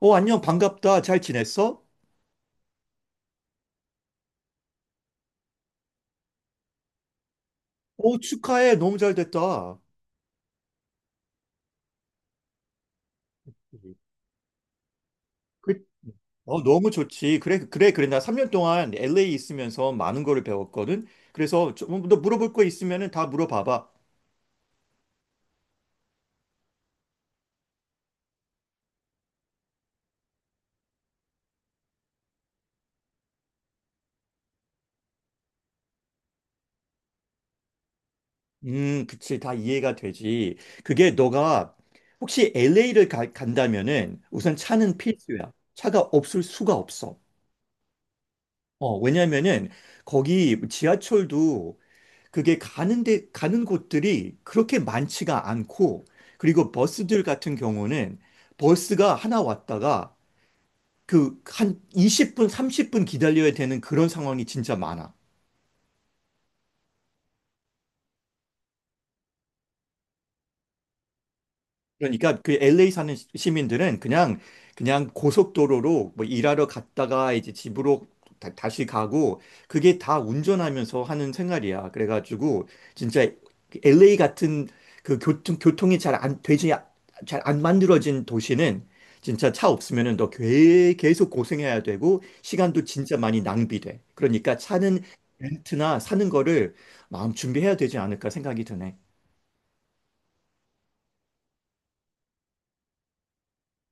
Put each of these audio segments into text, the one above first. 어, 안녕, 반갑다. 잘 지냈어? 어, 축하해. 너무 잘 됐다. 음. 그- 어, 너무 좋지. 그래, 그래, 그래. 나 3년 동안 LA 있으면서 많은 거를 배웠거든. 그래서 좀너 물어볼 거 있으면은 다 물어봐봐. 그치. 다 이해가 되지. 그게 너가 혹시 LA를 간다면은 우선 차는 필수야. 차가 없을 수가 없어. 어, 왜냐면은 거기 지하철도 그게 가는 데, 가는 곳들이 그렇게 많지가 않고, 그리고 버스들 같은 경우는 버스가 하나 왔다가 그 한 20분, 30분 기다려야 되는 그런 상황이 진짜 많아. 그러니까 그 LA 사는 시민들은 그냥 그냥 고속도로로 뭐 일하러 갔다가 이제 집으로 다시 가고 그게 다 운전하면서 하는 생활이야. 그래가지고 진짜 LA 같은 그 교통이 잘 안 되지 잘 안 만들어진 도시는 진짜 차 없으면은 너 계속 고생해야 되고 시간도 진짜 많이 낭비돼. 그러니까 차는 렌트나 사는 거를 마음 준비해야 되지 않을까 생각이 드네.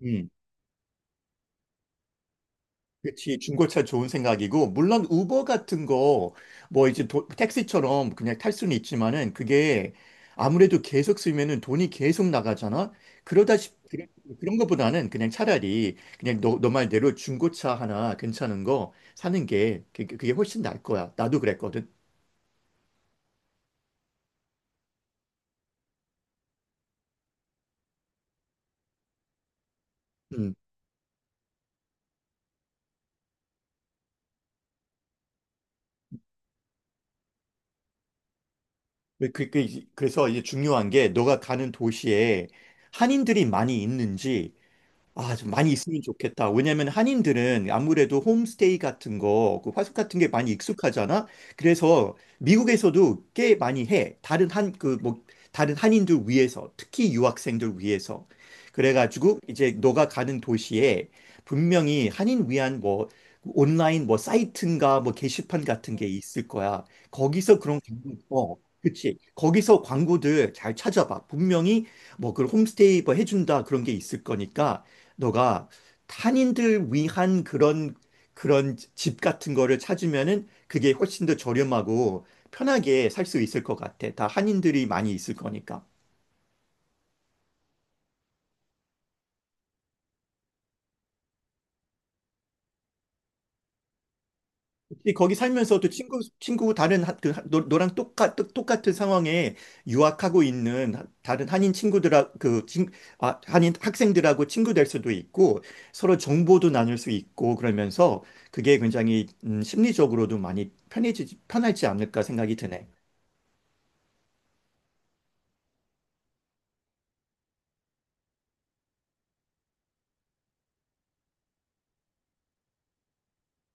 음. 그치, 중고차 좋은 생각이고, 물론 우버 같은 거, 뭐 이제 택시처럼 그냥 탈 수는 있지만은 그게 아무래도 계속 쓰면은 돈이 계속 나가잖아? 그러다 싶, 그런, 그런 거보다는 그냥 차라리 그냥 너, 너 말대로 중고차 하나 괜찮은 거 사는 게 그게 훨씬 나을 거야. 나도 그랬거든. 음. 그래서 이제 중요한 게 너가 가는 도시에 한인들이 많이 있는지. 아, 좀 많이 있으면 좋겠다. 왜냐면 한인들은 아무래도 홈스테이 같은 거, 그 화숙 같은 게 많이 익숙하잖아. 그래서 미국에서도 꽤 많이 해. 다른 한, 그 뭐, 다른 한인들 위해서, 특히 유학생들 위해서. 그래가지고 이제 너가 가는 도시에 분명히 한인 위한 뭐, 온라인 뭐 사이트인가 뭐 게시판 같은 게 있을 거야. 거기서 그런 광고, 어, 그치. 거기서 광고들 잘 찾아봐. 분명히 뭐 그 홈스테이 뭐 해준다 그런 게 있을 거니까. 너가 탄인들 위한 그런 그런 집 같은 거를 찾으면은 그게 훨씬 더 저렴하고 편하게 살 수 있을 것 같아. 다 한인들이 많이 있을 거니까. 근데 거기 살면서도 친구 다른 하- 그 하- 너, 너랑 똑같은 상황에 유학하고 있는 다른 한인 친구들하 그 친, 아, 한인 학생들하고 친구 될 수도 있고 서로 정보도 나눌 수 있고 그러면서 그게 굉장히 심리적으로도 많이 편해지 편하지 않을까 생각이 드네.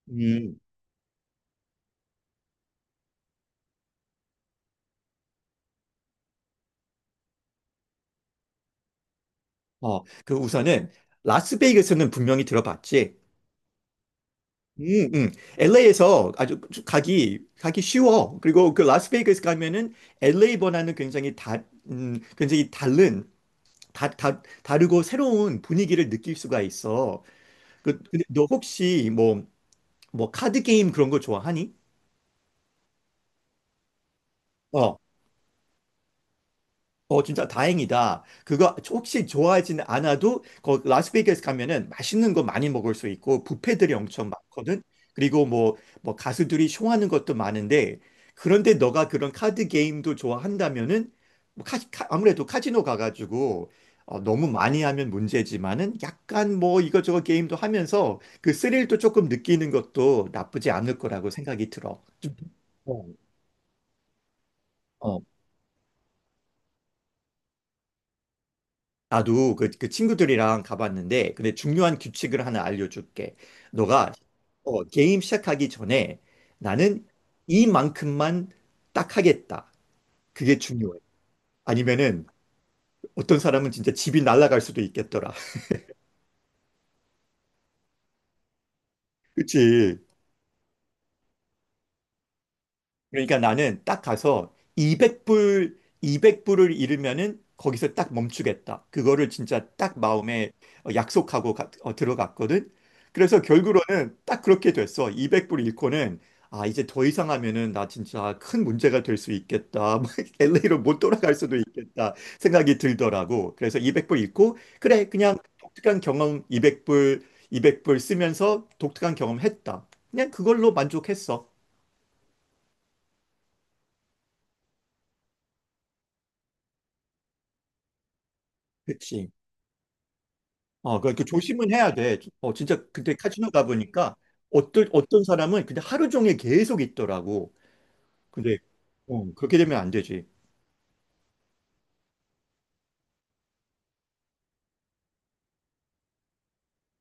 음. 어, 그 우선은 라스베이거스는 분명히 들어봤지. 음, 음. LA에서 아주 가기 쉬워. 그리고 그 라스베이거스 가면은 LA 번화는 굉장히 다른 다, 다 다르고 새로운 분위기를 느낄 수가 있어. 그, 근데 너 혹시 뭐 카드 게임 그런 거 좋아하니? 어. 어, 진짜 다행이다. 그거 혹시 좋아하진 않아도 거 라스베이거스 가면은 맛있는 거 많이 먹을 수 있고 뷔페들이 엄청 많거든. 그리고 뭐 가수들이 쇼하는 것도 많은데 그런데 너가 그런 카드 게임도 좋아한다면은 아무래도 카지노 가가지고 어, 너무 많이 하면 문제지만은 약간 뭐 이것저것 게임도 하면서 그 스릴도 조금 느끼는 것도 나쁘지 않을 거라고 생각이 들어. 좀, 어. 나도 그 친구들이랑 가봤는데, 근데 중요한 규칙을 하나 알려줄게. 너가 어, 게임 시작하기 전에 나는 이만큼만 딱 하겠다. 그게 중요해. 아니면은 어떤 사람은 진짜 집이 날아갈 수도 있겠더라. 그치? 그러니까 나는 딱 가서 200불을 잃으면은 거기서 딱 멈추겠다. 그거를 진짜 딱 마음에 어, 약속하고 어, 들어갔거든. 그래서 결국으로는 딱 그렇게 됐어. 200불 잃고는 아, 이제 더 이상 하면은 나 진짜 큰 문제가 될 수 있겠다. LA로 못 돌아갈 수도 있겠다 생각이 들더라고. 그래서 200불 잃고 그래, 그냥 독특한 경험. 200불 쓰면서 독특한 경험 했다. 그냥 그걸로 만족했어. 그치. 어, 그러니까 조심은 해야 돼. 어, 진짜 그때 카지노 가보니까 어떤, 어떤 사람은 근데 하루 종일 계속 있더라고. 근데, 어, 그렇게 되면 안 되지.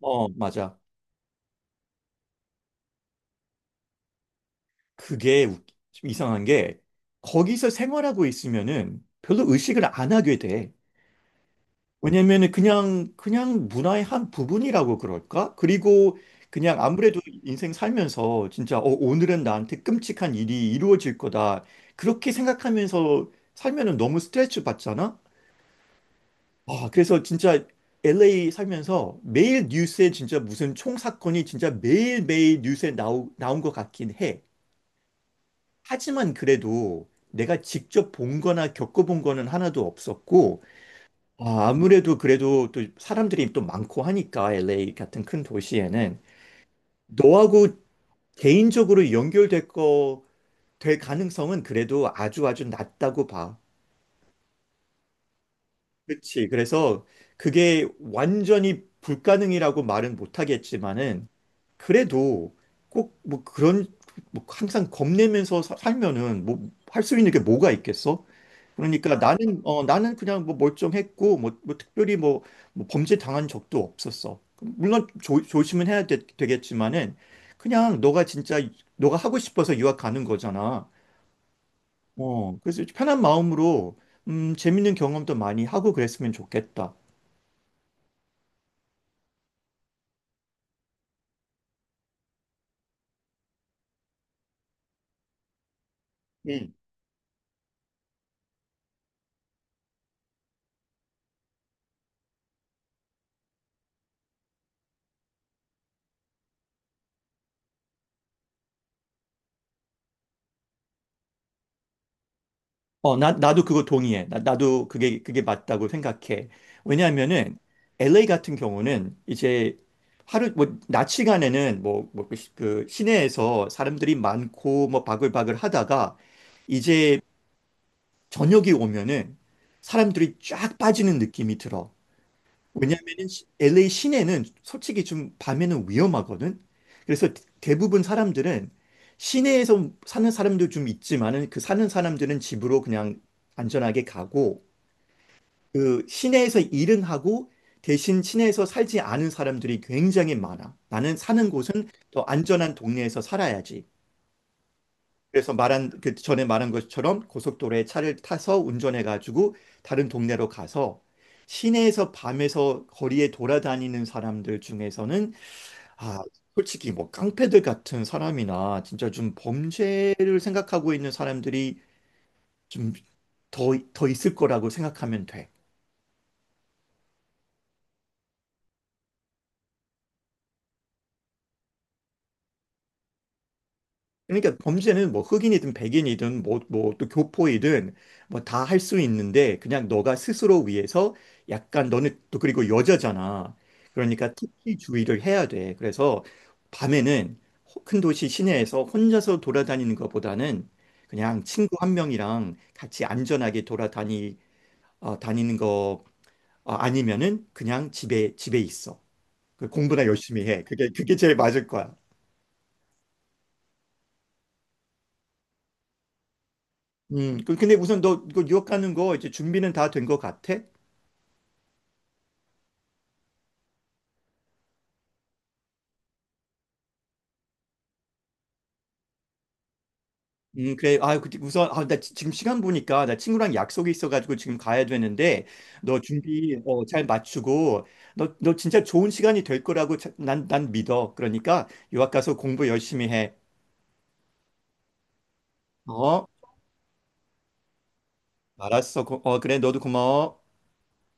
어, 맞아. 그게 웃- 좀 이상한 게 거기서 생활하고 있으면은 별로 의식을 안 하게 돼. 왜냐면은 그냥, 그냥 문화의 한 부분이라고 그럴까? 그리고 그냥 아무래도 인생 살면서 진짜 어, 오늘은 나한테 끔찍한 일이 이루어질 거다. 그렇게 생각하면서 살면은 너무 스트레스 받잖아? 아, 그래서 진짜 LA 살면서 매일 뉴스에 진짜 무슨 총 사건이 진짜 매일매일 뉴스에 나온 것 같긴 해. 하지만 그래도 내가 직접 본 거나 겪어본 거는 하나도 없었고, 아, 아무래도 그래도 또 사람들이 또 많고 하니까 LA 같은 큰 도시에는 너하고 개인적으로 될 가능성은 그래도 아주 낮다고 봐. 그렇지. 그래서 그게 완전히 불가능이라고 말은 못하겠지만은 그래도 꼭 뭐 그런 뭐 항상 겁내면서 살면은 뭐 할 수 있는 게 뭐가 있겠어? 그러니까 나는 어 나는 그냥 뭐 멀쩡했고 뭐, 뭐 범죄 당한 적도 없었어. 물론 조, 조심은 해야 되, 되겠지만은 그냥 너가 진짜 너가 하고 싶어서 유학 가는 거잖아. 어 그래서 편한 마음으로 재밌는 경험도 많이 하고 그랬으면 좋겠다. 어, 나도 그거 동의해. 나도 그게 맞다고 생각해. 왜냐하면은, LA 같은 경우는 이제 하루, 뭐, 낮 시간에는 뭐, 뭐, 그 시내에서 사람들이 많고, 뭐, 바글바글 하다가, 이제 저녁이 오면은 사람들이 쫙 빠지는 느낌이 들어. 왜냐면은 LA 시내는 솔직히 좀 밤에는 위험하거든. 그래서 대부분 사람들은 시내에서 사는 사람도 좀 있지만은 그 사는 사람들은 집으로 그냥 안전하게 가고 그 시내에서 일은 하고 대신 시내에서 살지 않은 사람들이 굉장히 많아. 나는 사는 곳은 더 안전한 동네에서 살아야지. 그래서 말한 그 전에 말한 것처럼 고속도로에 차를 타서 운전해 가지고 다른 동네로 가서 시내에서 밤에서 거리에 돌아다니는 사람들 중에서는 아 솔직히 뭐 깡패들 같은 사람이나 진짜 좀 범죄를 생각하고 있는 사람들이 좀 더 있을 거라고 생각하면 돼. 그러니까 범죄는 뭐 흑인이든 백인이든 뭐 또 교포이든 뭐 다 할 수 있는데 그냥 너가 스스로 위해서 약간 너는 또 그리고 여자잖아. 그러니까 특히 주의를 해야 돼. 그래서 밤에는 큰 도시 시내에서 혼자서 돌아다니는 것보다는 그냥 친구 한 명이랑 같이 안전하게 돌아다니 어, 다니는 거. 어, 아니면은 그냥 집에 있어. 그 공부나 열심히 해. 그게 제일 맞을 거야. 근데 우선 너 이거 유학하는 거 이제 준비는 다 된 거 같아? 그래. 아, 우선, 아, 나 지금 시간 보니까 나 친구랑 약속이 있어가지고 지금 가야 되는데 너 준비 어, 잘 맞추고 너, 너 진짜 좋은 시간이 될 거라고 난, 난 믿어. 그러니까 유학 가서 공부 열심히 해. 어? 알았어. 어, 그래. 너도 고마워.